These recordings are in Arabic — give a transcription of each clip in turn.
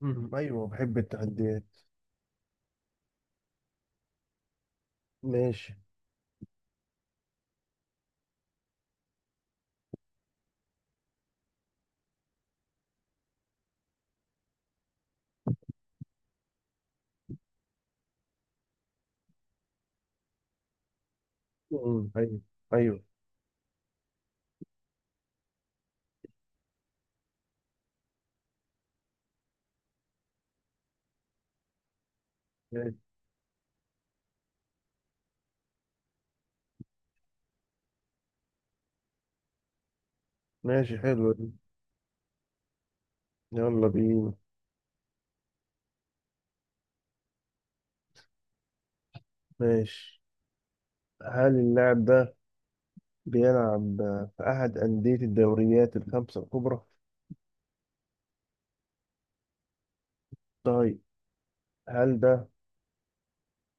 مم. ايوه، بحب التحديات. ماشي. مم. ايوه، ايوه. ماشي. ماشي، حلوة دي. يلا بينا. ماشي. هل اللاعب ده بيلعب في أحد أندية الدوريات الخمسة الكبرى؟ طيب، هل ده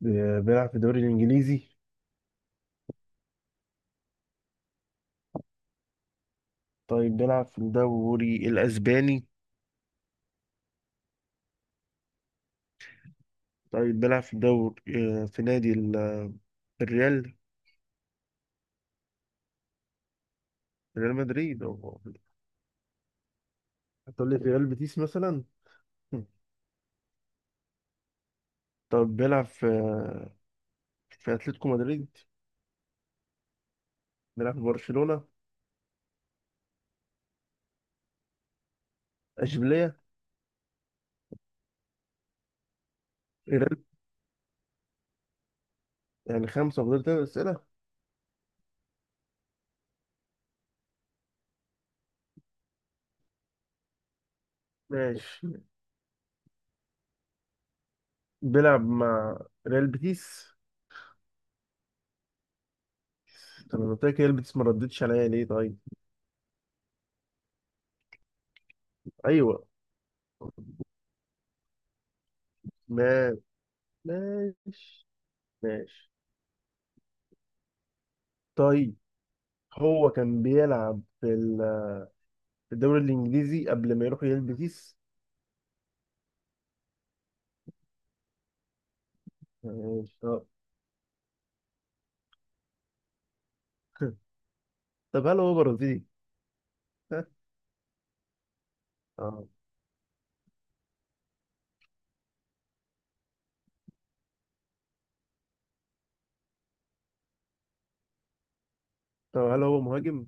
بيلعب في الدوري الإنجليزي؟ طيب، بيلعب في الدوري الأسباني؟ طيب، بيلعب في الدوري في نادي الريال. ريال مدريد أو... هتقول لي في ريال بيتيس مثلا؟ طب بيلعب في أتلتيكو مدريد؟ بيلعب في برشلونة. اشبيليه. ريال. يعني خمسة وفضلت 3 أسئلة. ماشي. بيلعب مع ريال بيتيس. طب انا قلت لك ريال بيتيس، ما ردتش عليا ليه، طيب؟ ايوه. ما ماشي، ماشي. طيب، هو كان بيلعب في الدوري الانجليزي قبل ما يروح ريال بيتيس. ماشي. اه. طب هل هو برازيلي؟ ها؟ اه. طب هل هو مهاجم؟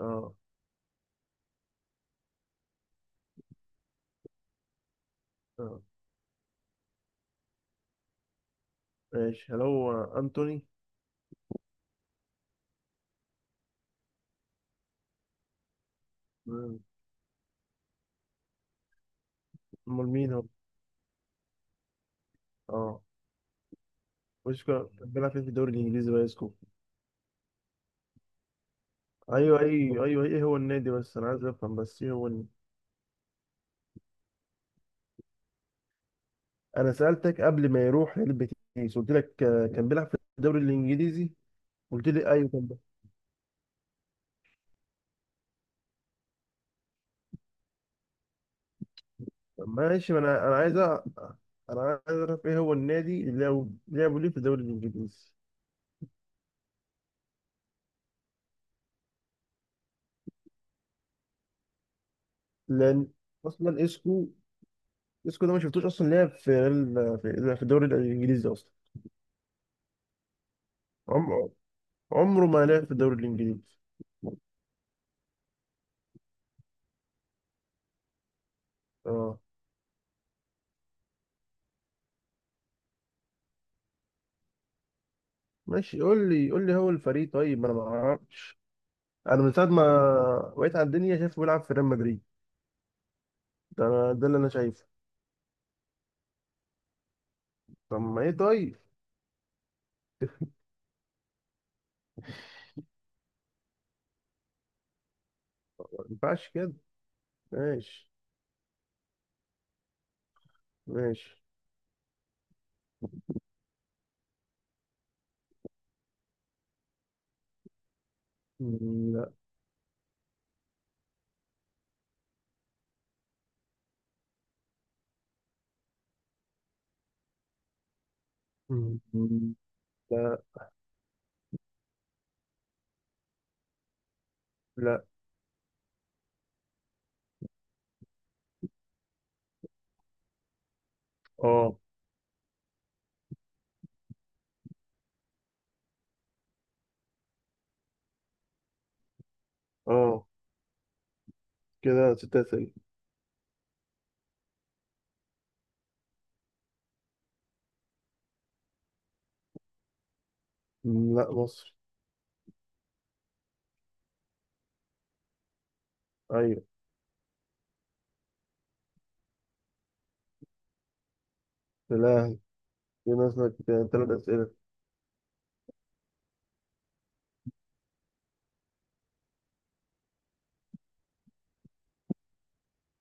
اه. اه، ماشي. هل هو انتوني؟ مم. امال مين هو؟ اه. مش كان بيلعب فين في الدوري الانجليزي بقى يا اسكو؟ ايوه، ايوه، ايوه، ايه هو النادي؟ بس انا عايز افهم، بس ايه هو انا سالتك قبل ما يروح ريال بيتيس، قلت لك كان بيلعب في الدوري الانجليزي. قلت لي ايوه كان بيلعب. طب ماشي، ما انا عايز انا عايز اعرف ايه هو النادي اللي لعبوا ليه في الدوري الانجليزي. لان اصلا اسكو ده ما شفتوش اصلا لعب في الدوري الانجليزي اصلا. عمره عمره ما لعب في الدوري الانجليزي. اه. ماشي، قول لي قول لي هو الفريق طيب، انا ما اعرفش. انا من ساعه ما وقيت على الدنيا شايفه بيلعب في ريال مدريد. ده ده اللي انا شايفه. طب ما ايه طيب. ما ينفعش كده. ماشي. ماشي. مم، لا. مم، لا. لا. اه. اه، كده 6 اسئله. مم، لا، مصر. ايوه. الاهلي. كده ناقصك 3 اسئله.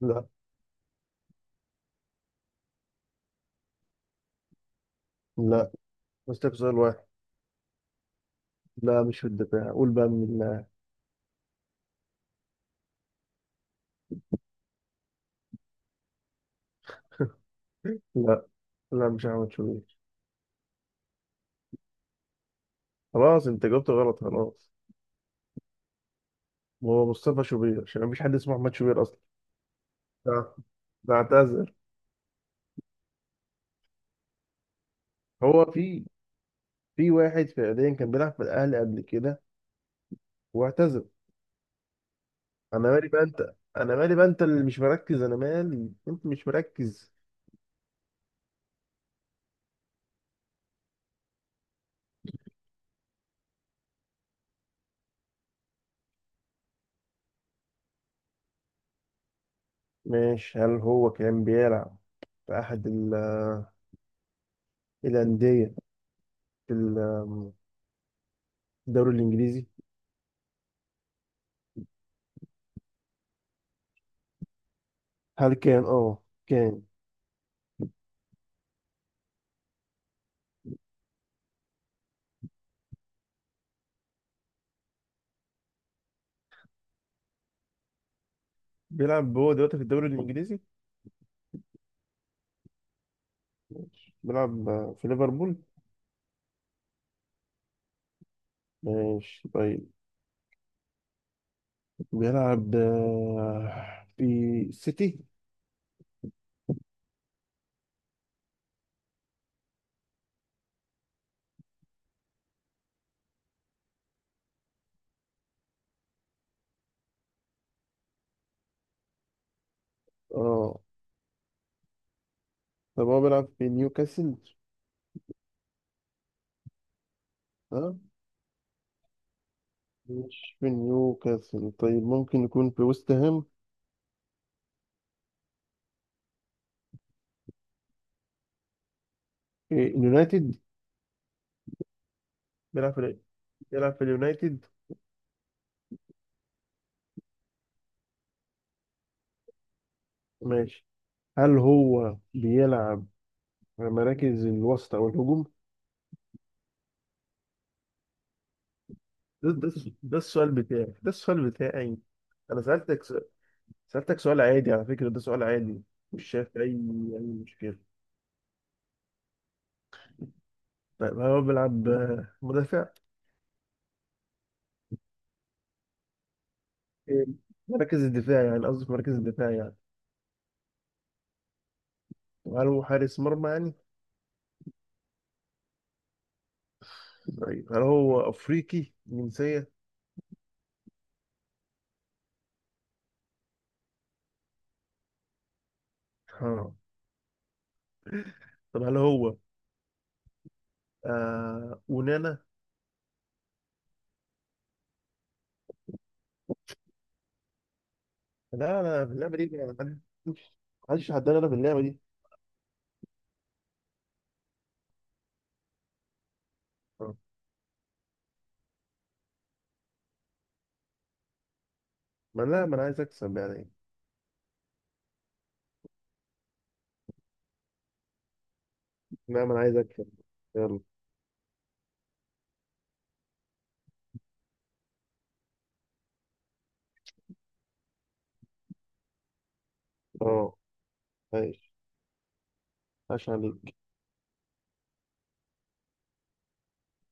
لا. لا، ناقصك سؤال واحد. لا مش في الدفاع، قول بقى من الله. لا. لا، مش احمد شوبير. خلاص انت جاوبت غلط، خلاص. هو مصطفى شوبير، عشان مفيش حد اسمه احمد شوبير اصلا. ده ده اعتذر. هو في واحد فعليا كان بيلعب في الاهلي قبل كده واعتزل. انا مالي بقى انت، انا مالي بقى انت اللي مش مركز، انا مالي انت مش مركز. ماشي، هل هو كان بيلعب في احد الانديه في ال- الدوري الانجليزي؟ هل كان بيلعب هو دلوقتي في الدوري الانجليزي؟ بيلعب في ليفربول. ماشي، طيب. بيلعب في سيتي. اه. طب هو بيلعب في نيوكاسل؟ اه، مش في نيوكاسل. طيب، ممكن يكون في ويست هام؟ إيه، اليونايتد. بيلعب في ال- بيلعب في اليونايتد. ماشي. هل هو بيلعب في مراكز الوسط او الهجوم؟ ده, ده, ده السؤال بتاعي، ده السؤال بتاعي. انا سألتك سؤال عادي، على فكرة ده سؤال عادي. مش شايف اي مشكلة. طيب، هل هو بيلعب مدافع؟ إيه، مراكز الدفاع يعني، قصدي في مراكز الدفاع يعني. طب هل هو حارس مرمى يعني؟ طيب، هل هو افريقي جنسية؟ ها؟ طب هل هو ونانا؟ لا، لا، اللعبه دي ما حدش حداني انا في اللعبه دي. آه. ما لا، ما انا عايز اكسب يعني. لا، ما انا عايز اكسب. يلا. اه. عايش. عاش عليك.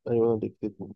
ايوه، انا ديكتاتور.